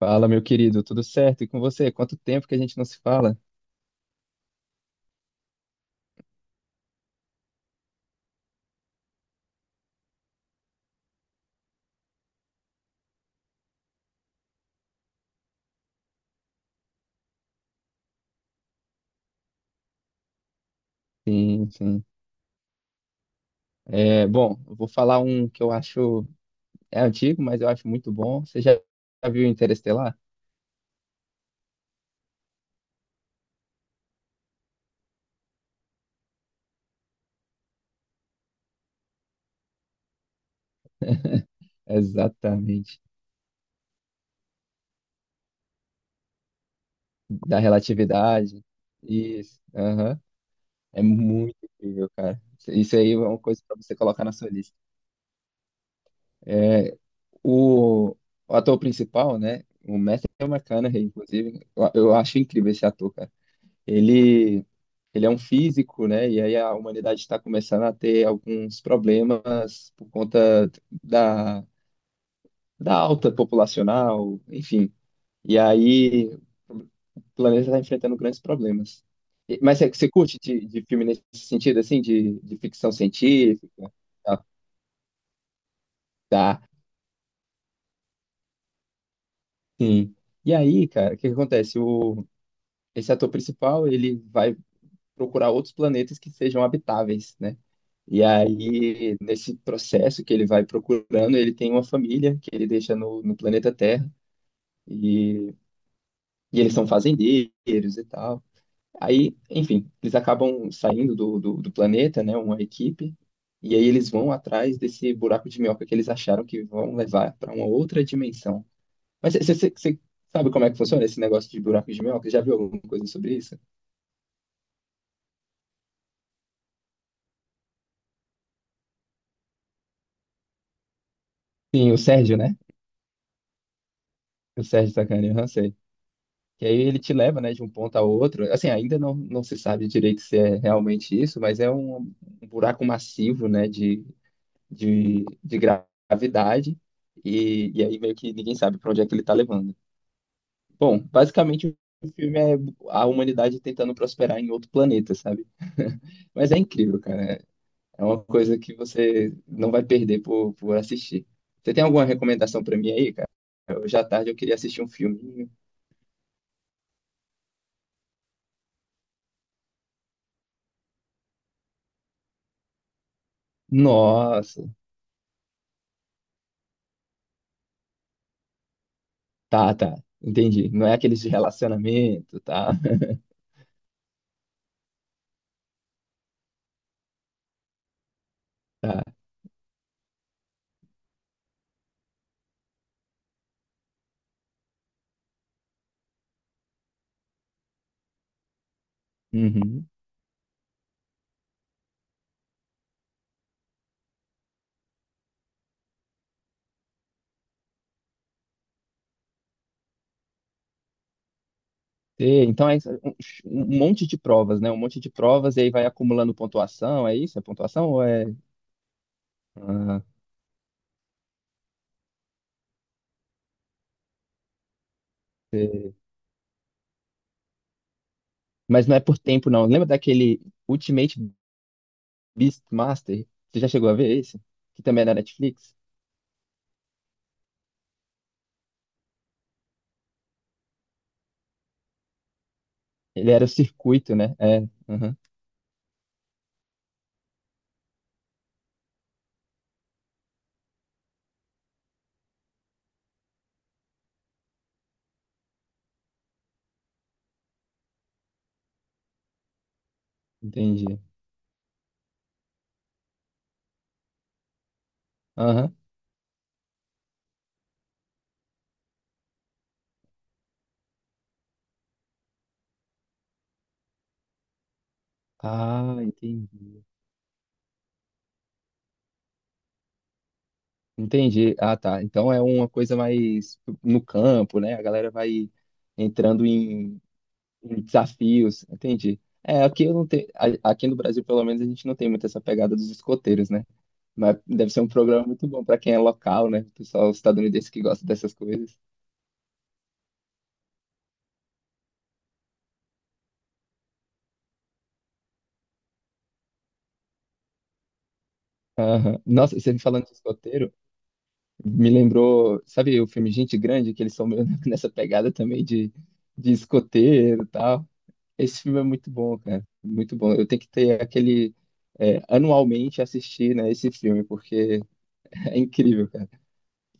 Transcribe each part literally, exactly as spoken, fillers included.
Fala, meu querido, tudo certo? E com você? Quanto tempo que a gente não se fala? Sim, sim. É, bom, eu vou falar um que eu acho é antigo, mas eu acho muito bom. Você já já viu Interestelar? Exatamente. Da relatividade. Isso, aham. É muito incrível, cara. Isso aí é uma coisa para você colocar na sua lista. É, o, o ator principal, né? O Matthew McConaughey, inclusive, eu, eu acho incrível esse ator, cara. Ele, ele é um físico, né? E aí a humanidade está começando a ter alguns problemas por conta da, da alta populacional, enfim. E aí o planeta está enfrentando grandes problemas. E- Mas você, você curte de, de filme nesse sentido, assim, de, de ficção científica? Ah, tá, sim. E aí, cara, o que que acontece? O, esse ator principal, ele vai procurar outros planetas que sejam habitáveis, né? E aí, nesse processo que ele vai procurando, ele tem uma família que ele deixa no, no planeta Terra, e, e eles são fazendeiros e tal. Aí, enfim, eles acabam saindo do, do, do planeta, né? Uma equipe, e aí eles vão atrás desse buraco de minhoca que eles acharam que vão levar para uma outra dimensão. Mas você sabe como é que funciona esse negócio de buraco de minhoca? Já viu alguma coisa sobre isso? Sim, o Sérgio, né? O Sérgio Sacani, eu não sei. Que aí ele te leva, né, de um ponto a outro. Assim, ainda não, não se sabe direito se é realmente isso, mas é um, um buraco massivo, né, de, de, de gravidade. E, e aí meio que ninguém sabe para onde é que ele está levando. Bom, basicamente o filme é a humanidade tentando prosperar em outro planeta, sabe? Mas é incrível, cara. É uma coisa que você não vai perder por, por assistir. Você tem alguma recomendação para mim aí, cara? Hoje à tarde eu queria assistir um filminho. Nossa. Tá, tá. Entendi. Não é aqueles de relacionamento, tá? Tá. Uhum. E, então é isso, um um um monte de provas, né? Um monte de provas e aí vai acumulando pontuação, é isso? É pontuação ou é. Ah, sei. Mas não é por tempo, não. Lembra daquele Ultimate Beastmaster? Você já chegou a ver esse? Que também é da Netflix? Ele era o circuito, né? É. Uhum. Entendi. Aham. Ah, entendi. Entendi. Ah, tá. Então é uma coisa mais no campo, né? A galera vai entrando em Em Desafios, entendi. É, aqui eu não tenho, aqui no Brasil, pelo menos, a gente não tem muito essa pegada dos escoteiros, né? Mas deve ser um programa muito bom para quem é local, né? O pessoal estadunidense que gosta dessas coisas. Aham. Nossa, você me falando de escoteiro, me lembrou, sabe o filme Gente Grande, que eles são meio nessa pegada também de, de escoteiro e tal. Esse filme é muito bom, cara. Muito bom. Eu tenho que ter aquele, é, anualmente assistir, né, esse filme, porque é incrível, cara.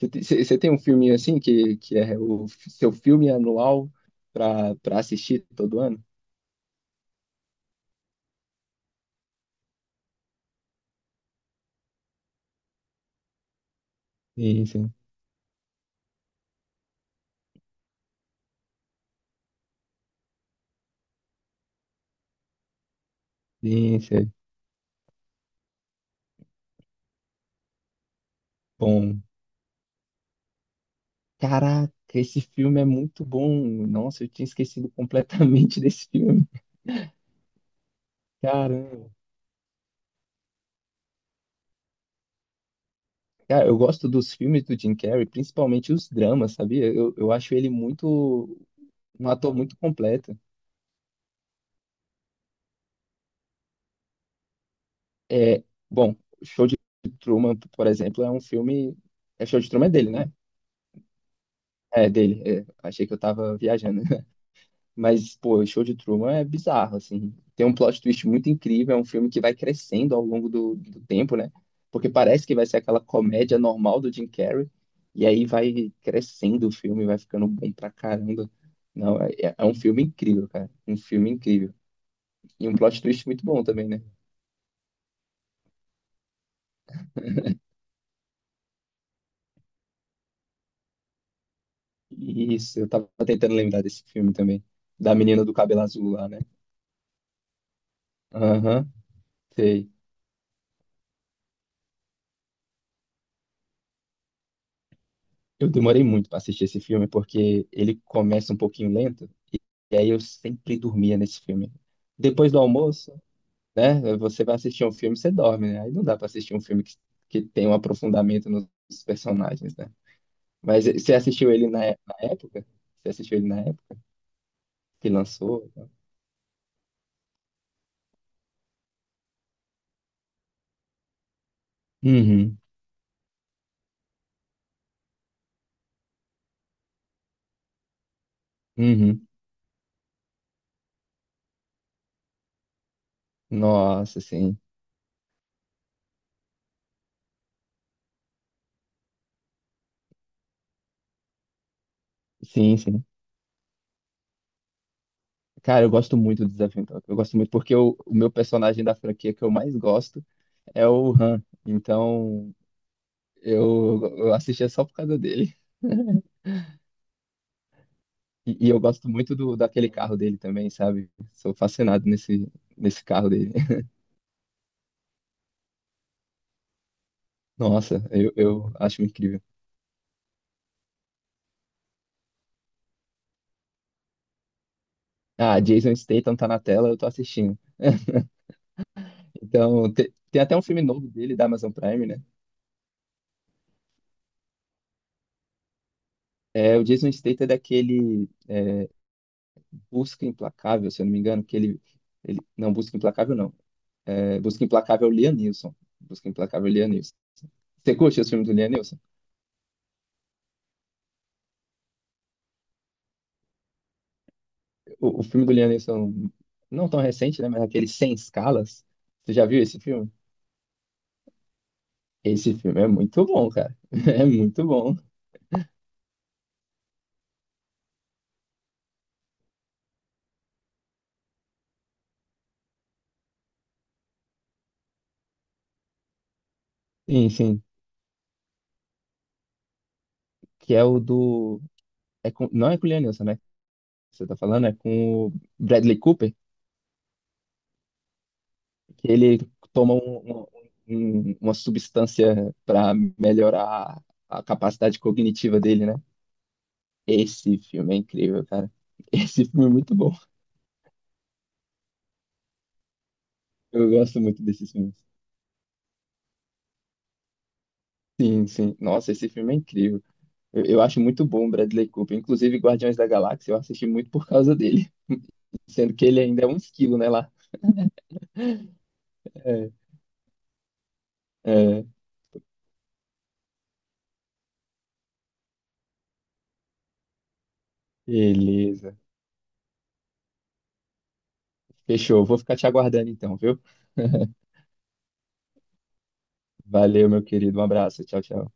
Você tem você- você tem um filminho assim que, que é o f- seu filme anual pra, pra assistir todo ano? Sim, sim. Sim, sim. Bom. Caraca, esse filme é muito bom. Nossa, eu tinha esquecido completamente desse filme. Caramba. Cara, eu gosto dos filmes do Jim Carrey, principalmente os dramas, sabia? Eu, eu acho ele muito, um ator muito completo. É, bom, Show de Truman, por exemplo, é um filme. É Show de Truman é dele, né? É dele, é. Achei que eu tava viajando. Mas, pô, o Show de Truman é bizarro, assim. Tem um plot twist muito incrível, é um filme que vai crescendo ao longo do, do tempo, né? Porque parece que vai ser aquela comédia normal do Jim Carrey, e aí vai crescendo o filme, vai ficando bom pra caramba. Não, é, é é um filme incrível, cara. Um filme incrível. E um plot twist muito bom também, né? Isso, eu tava tentando lembrar desse filme também. Da menina do cabelo azul lá, né? Aham, sei. Eu demorei muito pra assistir esse filme, porque ele começa um pouquinho lento, e aí eu sempre dormia nesse filme. Depois do almoço, né? Você vai assistir um filme, você dorme, né? Aí não dá pra assistir um filme que, que tem um aprofundamento nos personagens, né? Mas eh, você assistiu ele na, é- na época? Você assistiu ele na época que lançou? Uhum, uhum. Nossa, sim. Sim, sim. Cara, eu gosto muito do Desafio em Tóquio. Eu gosto muito porque o, o meu personagem da franquia que eu mais gosto é o Han. Então, eu, eu assistia só por causa dele. E, e eu gosto muito do, daquele carro dele também, sabe? Sou fascinado nesse, nesse carro dele. Nossa, eu, eu acho incrível. Ah, Jason Statham tá na tela, eu tô assistindo. Então, te- tem até um filme novo dele, da Amazon Prime, né? É, o Jason Statham é daquele Busca Implacável, se eu não me engano, que ele... ele não, Busca Implacável não. É, Busca Implacável é o Liam Neeson. Busca Implacável é o Liam Neeson. Você curte os filmes do Liam Neeson? O, o filme do Liam Neeson, não tão recente, né? Mas aquele Sem Escalas. Você já viu esse filme? Esse filme é muito bom, cara. É muito bom. Sim, sim. Que é o do. É com... Não é com o Liam Neeson, né? Você tá falando? É com o Bradley Cooper, que ele toma um- um- um- uma substância pra melhorar a capacidade cognitiva dele, né? Esse filme é incrível, cara. Esse filme é muito bom. Eu gosto muito desses filmes. Sim, sim. Nossa, esse filme é incrível. Eu, eu acho muito bom o Bradley Cooper. Inclusive, Guardiões da Galáxia, eu assisti muito por causa dele. Sendo que ele ainda é um esquilo, né? Lá é, é, beleza. Fechou. Vou ficar te aguardando então, viu? Valeu, meu querido. Um abraço. Tchau, tchau.